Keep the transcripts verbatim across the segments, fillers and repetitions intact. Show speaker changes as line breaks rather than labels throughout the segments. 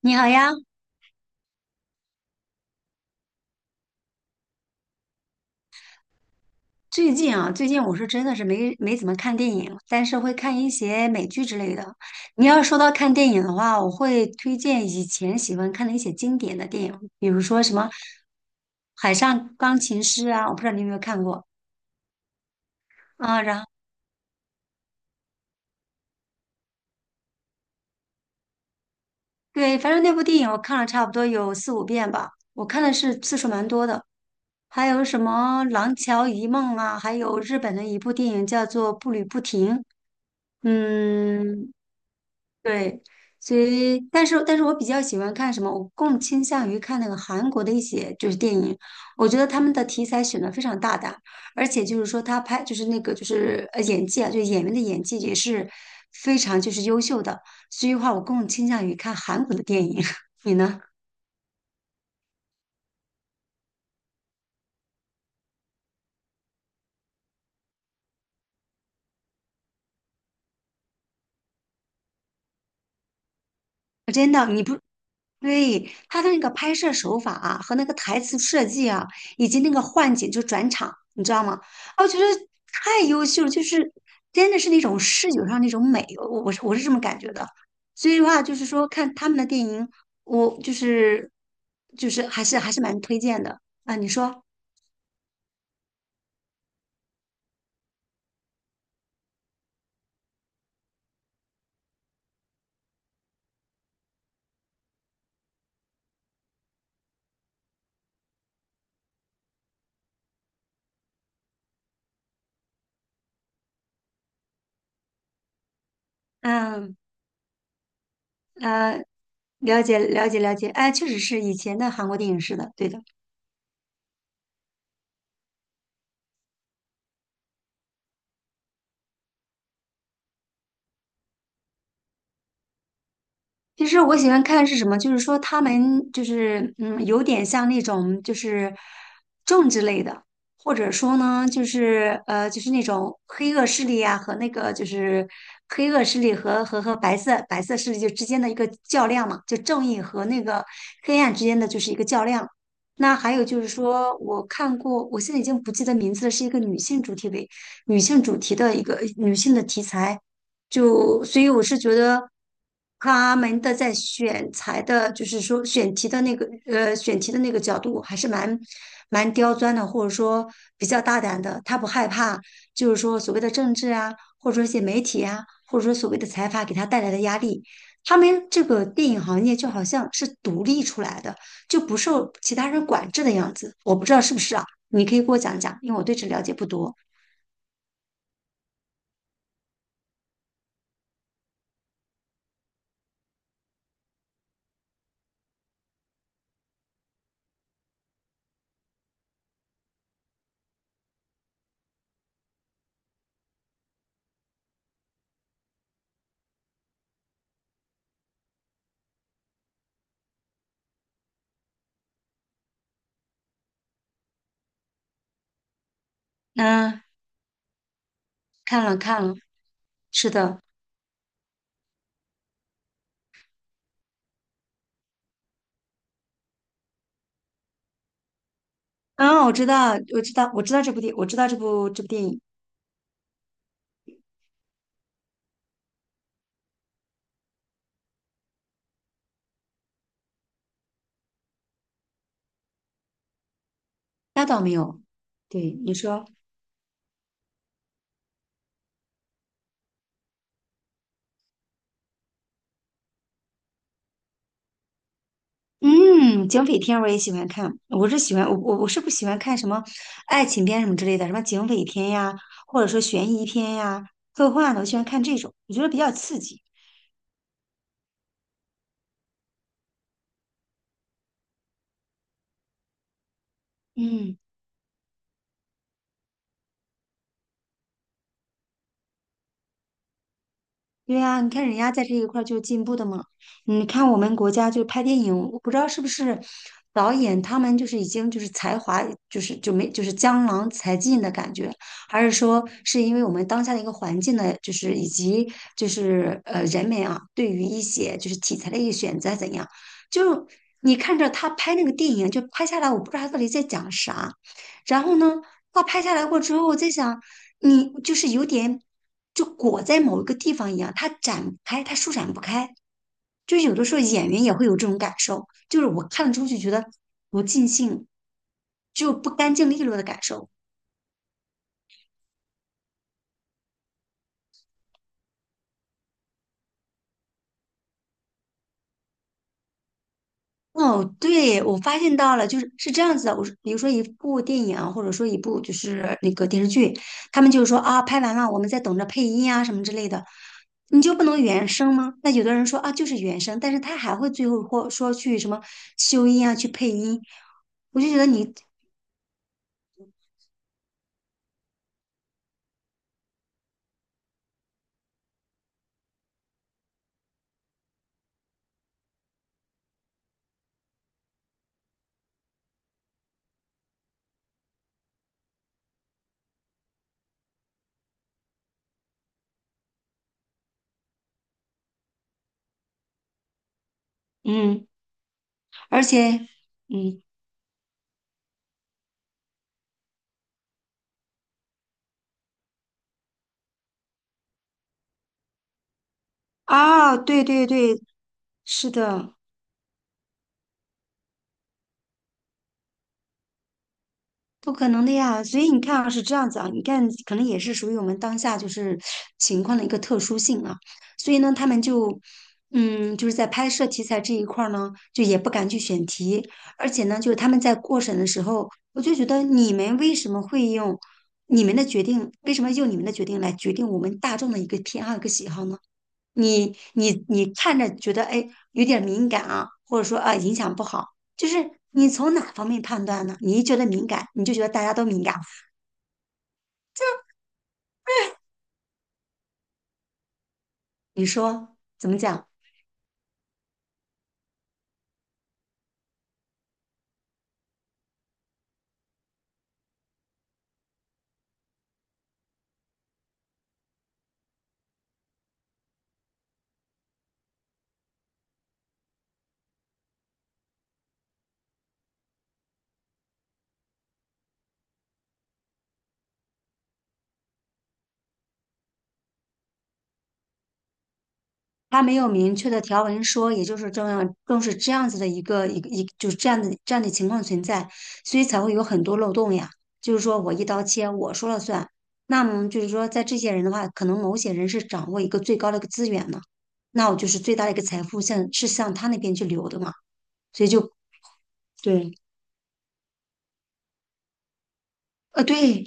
你好呀，最近啊，最近我是真的是没没怎么看电影，但是会看一些美剧之类的。你要说到看电影的话，我会推荐以前喜欢看的一些经典的电影，比如说什么《海上钢琴师》啊，我不知道你有没有看过啊。然后对，反正那部电影我看了差不多有四五遍吧，我看的是次数蛮多的。还有什么《廊桥遗梦》啊，还有日本的一部电影叫做《步履不停》。嗯，对，所以，但是，但是我比较喜欢看什么？我更倾向于看那个韩国的一些就是电影，我觉得他们的题材选的非常大胆，而且就是说他拍就是那个就是呃演技啊，就是演员的演技也是非常就是优秀的，所以的话我更倾向于看韩国的电影。你呢？真的，你不，对，他的那个拍摄手法啊，和那个台词设计啊，以及那个换景就转场，你知道吗？啊我觉得太优秀了就是真的是那种视觉上那种美，我我是我是这么感觉的。所以的话，就是说看他们的电影，我就是就是还是还是蛮推荐的啊。你说，嗯呃，了解了解了解，哎，确实是以前的韩国电影是的，对的。其实我喜欢看是什么，就是说他们就是嗯，有点像那种就是政治类的，或者说呢，就是呃，就是那种黑恶势力啊和那个就是黑恶势力和和和白色白色势力就之间的一个较量嘛，就正义和那个黑暗之间的就是一个较量。那还有就是说，我看过，我现在已经不记得名字了，是一个女性主题为女性主题的一个女性的题材。就所以我是觉得他们的在选材的，就是说选题的那个呃选题的那个角度还是蛮蛮刁钻的，或者说比较大胆的。他不害怕，就是说所谓的政治啊，或者说一些媒体啊，或者说所谓的财阀给他带来的压力。他们这个电影行业就好像是独立出来的，就不受其他人管制的样子。我不知道是不是啊？你可以给我讲讲，因为我对这了解不多。嗯，看了看了，是的。嗯，我知道，我知道，我知道这部电，我知道这部这部电影，那倒没有。对，你说，嗯，警匪片我也喜欢看，我是喜欢我我我是不喜欢看什么爱情片什么之类的，什么警匪片呀，或者说悬疑片呀、科幻的，我喜欢看这种，我觉得比较刺激。嗯。对呀，你看人家在这一块儿就进步的嘛。你看我们国家就拍电影，我不知道是不是导演他们就是已经就是才华就是就没就是江郎才尽的感觉，还是说是因为我们当下的一个环境呢，就是以及就是呃人们啊对于一些就是题材的一个选择怎样，就你看着他拍那个电影就拍下来，我不知道他到底在讲啥。然后呢，画拍下来过之后，我在想，你就是有点就裹在某一个地方一样，它展不开，它舒展不开。就有的时候演员也会有这种感受，就是我看了之后就觉得不尽兴，就不干净利落的感受。哦，对，我发现到了，就是是这样子的。我说，比如说一部电影啊或者说一部就是那个电视剧，他们就是说啊，拍完了，我们在等着配音啊什么之类的，你就不能原声吗？那有的人说啊，就是原声，但是他还会最后或说去什么修音啊，去配音，我就觉得你，嗯，而且，嗯，啊，对对对，是的。不可能的呀，所以你看啊，是这样子啊，你看可能也是属于我们当下就是情况的一个特殊性啊，所以呢，他们就，嗯，就是在拍摄题材这一块儿呢，就也不敢去选题，而且呢，就是他们在过审的时候，我就觉得你们为什么会用你们的决定，为什么用你们的决定来决定我们大众的一个偏好、一个喜好呢？你你你看着觉得哎有点敏感啊，或者说啊影响不好，就是你从哪方面判断呢？你一觉得敏感，你就觉得大家都敏感，你说怎么讲？他没有明确的条文说，也就是这样，更是这样子的一个一个一个，就是这样的这样的情况存在，所以才会有很多漏洞呀。就是说我一刀切，我说了算。那么就是说，在这些人的话，可能某些人是掌握一个最高的一个资源呢，那我就是最大的一个财富向是向他那边去流的嘛。所以就对，呃，对，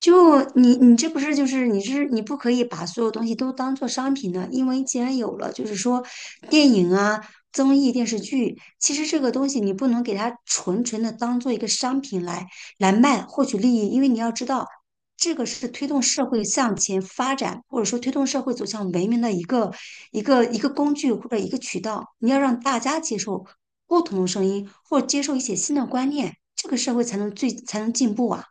就你你这不是就是你是你不可以把所有东西都当做商品呢，因为既然有了，就是说电影啊、综艺、电视剧，其实这个东西你不能给它纯纯的当做一个商品来来卖获取利益，因为你要知道，这个是推动社会向前发展，或者说推动社会走向文明的一个一个一个工具或者一个渠道，你要让大家接受不同的声音，或者接受一些新的观念，这个社会才能最才能进步啊。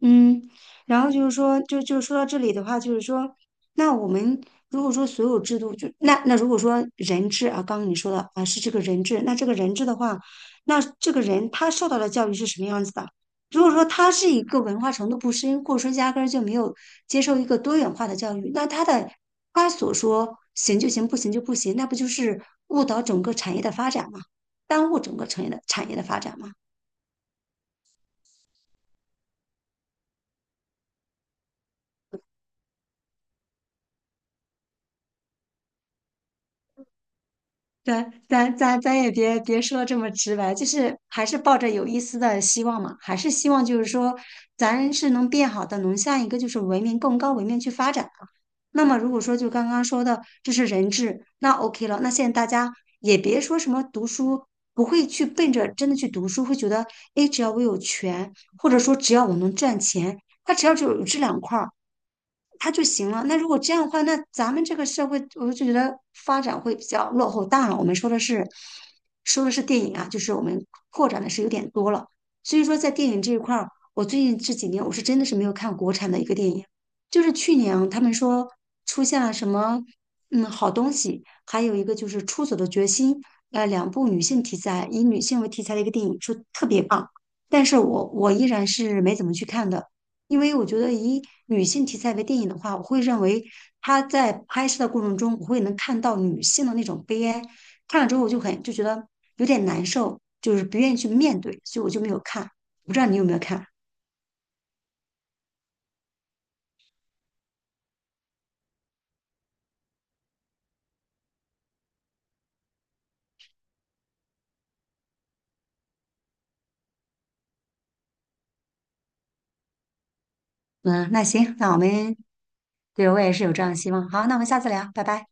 嗯，然后就是说，就就说到这里的话，就是说，那我们如果说所有制度就那那如果说人治啊，刚刚你说的啊是这个人治，那这个人治的话，那这个人他受到的教育是什么样子的？如果说他是一个文化程度不深，或者说压根儿就没有接受一个多元化的教育，那他的他所说行就行，不行就不行，那不就是误导整个产业的发展吗？耽误整个产业的产业的发展吗？咱咱咱咱也别别说这么直白，就是还是抱着有一丝的希望嘛，还是希望就是说咱是能变好的，能向一个就是文明更高文明去发展的。那么如果说就刚刚说的这是人治，那 OK 了。那现在大家也别说什么读书，不会去奔着真的去读书，会觉得诶，只要我有权，或者说只要我能赚钱，他只要就有这两块儿，它就行了。那如果这样的话，那咱们这个社会，我就觉得发展会比较落后大了。我们说的是，说的是电影啊，就是我们扩展的是有点多了。所以说，在电影这一块儿，我最近这几年我是真的是没有看国产的一个电影，就是去年啊他们说出现了什么嗯好东西，还有一个就是《出走的决心》，呃，两部女性题材，以女性为题材的一个电影，说特别棒。但是我我依然是没怎么去看的。因为我觉得以女性题材为电影的话，我会认为她在拍摄的过程中，我会能看到女性的那种悲哀，看了之后我就很就觉得有点难受，就是不愿意去面对，所以我就没有看。不知道你有没有看？嗯，那行，那我们对我也是有这样的希望。好，那我们下次聊，拜拜。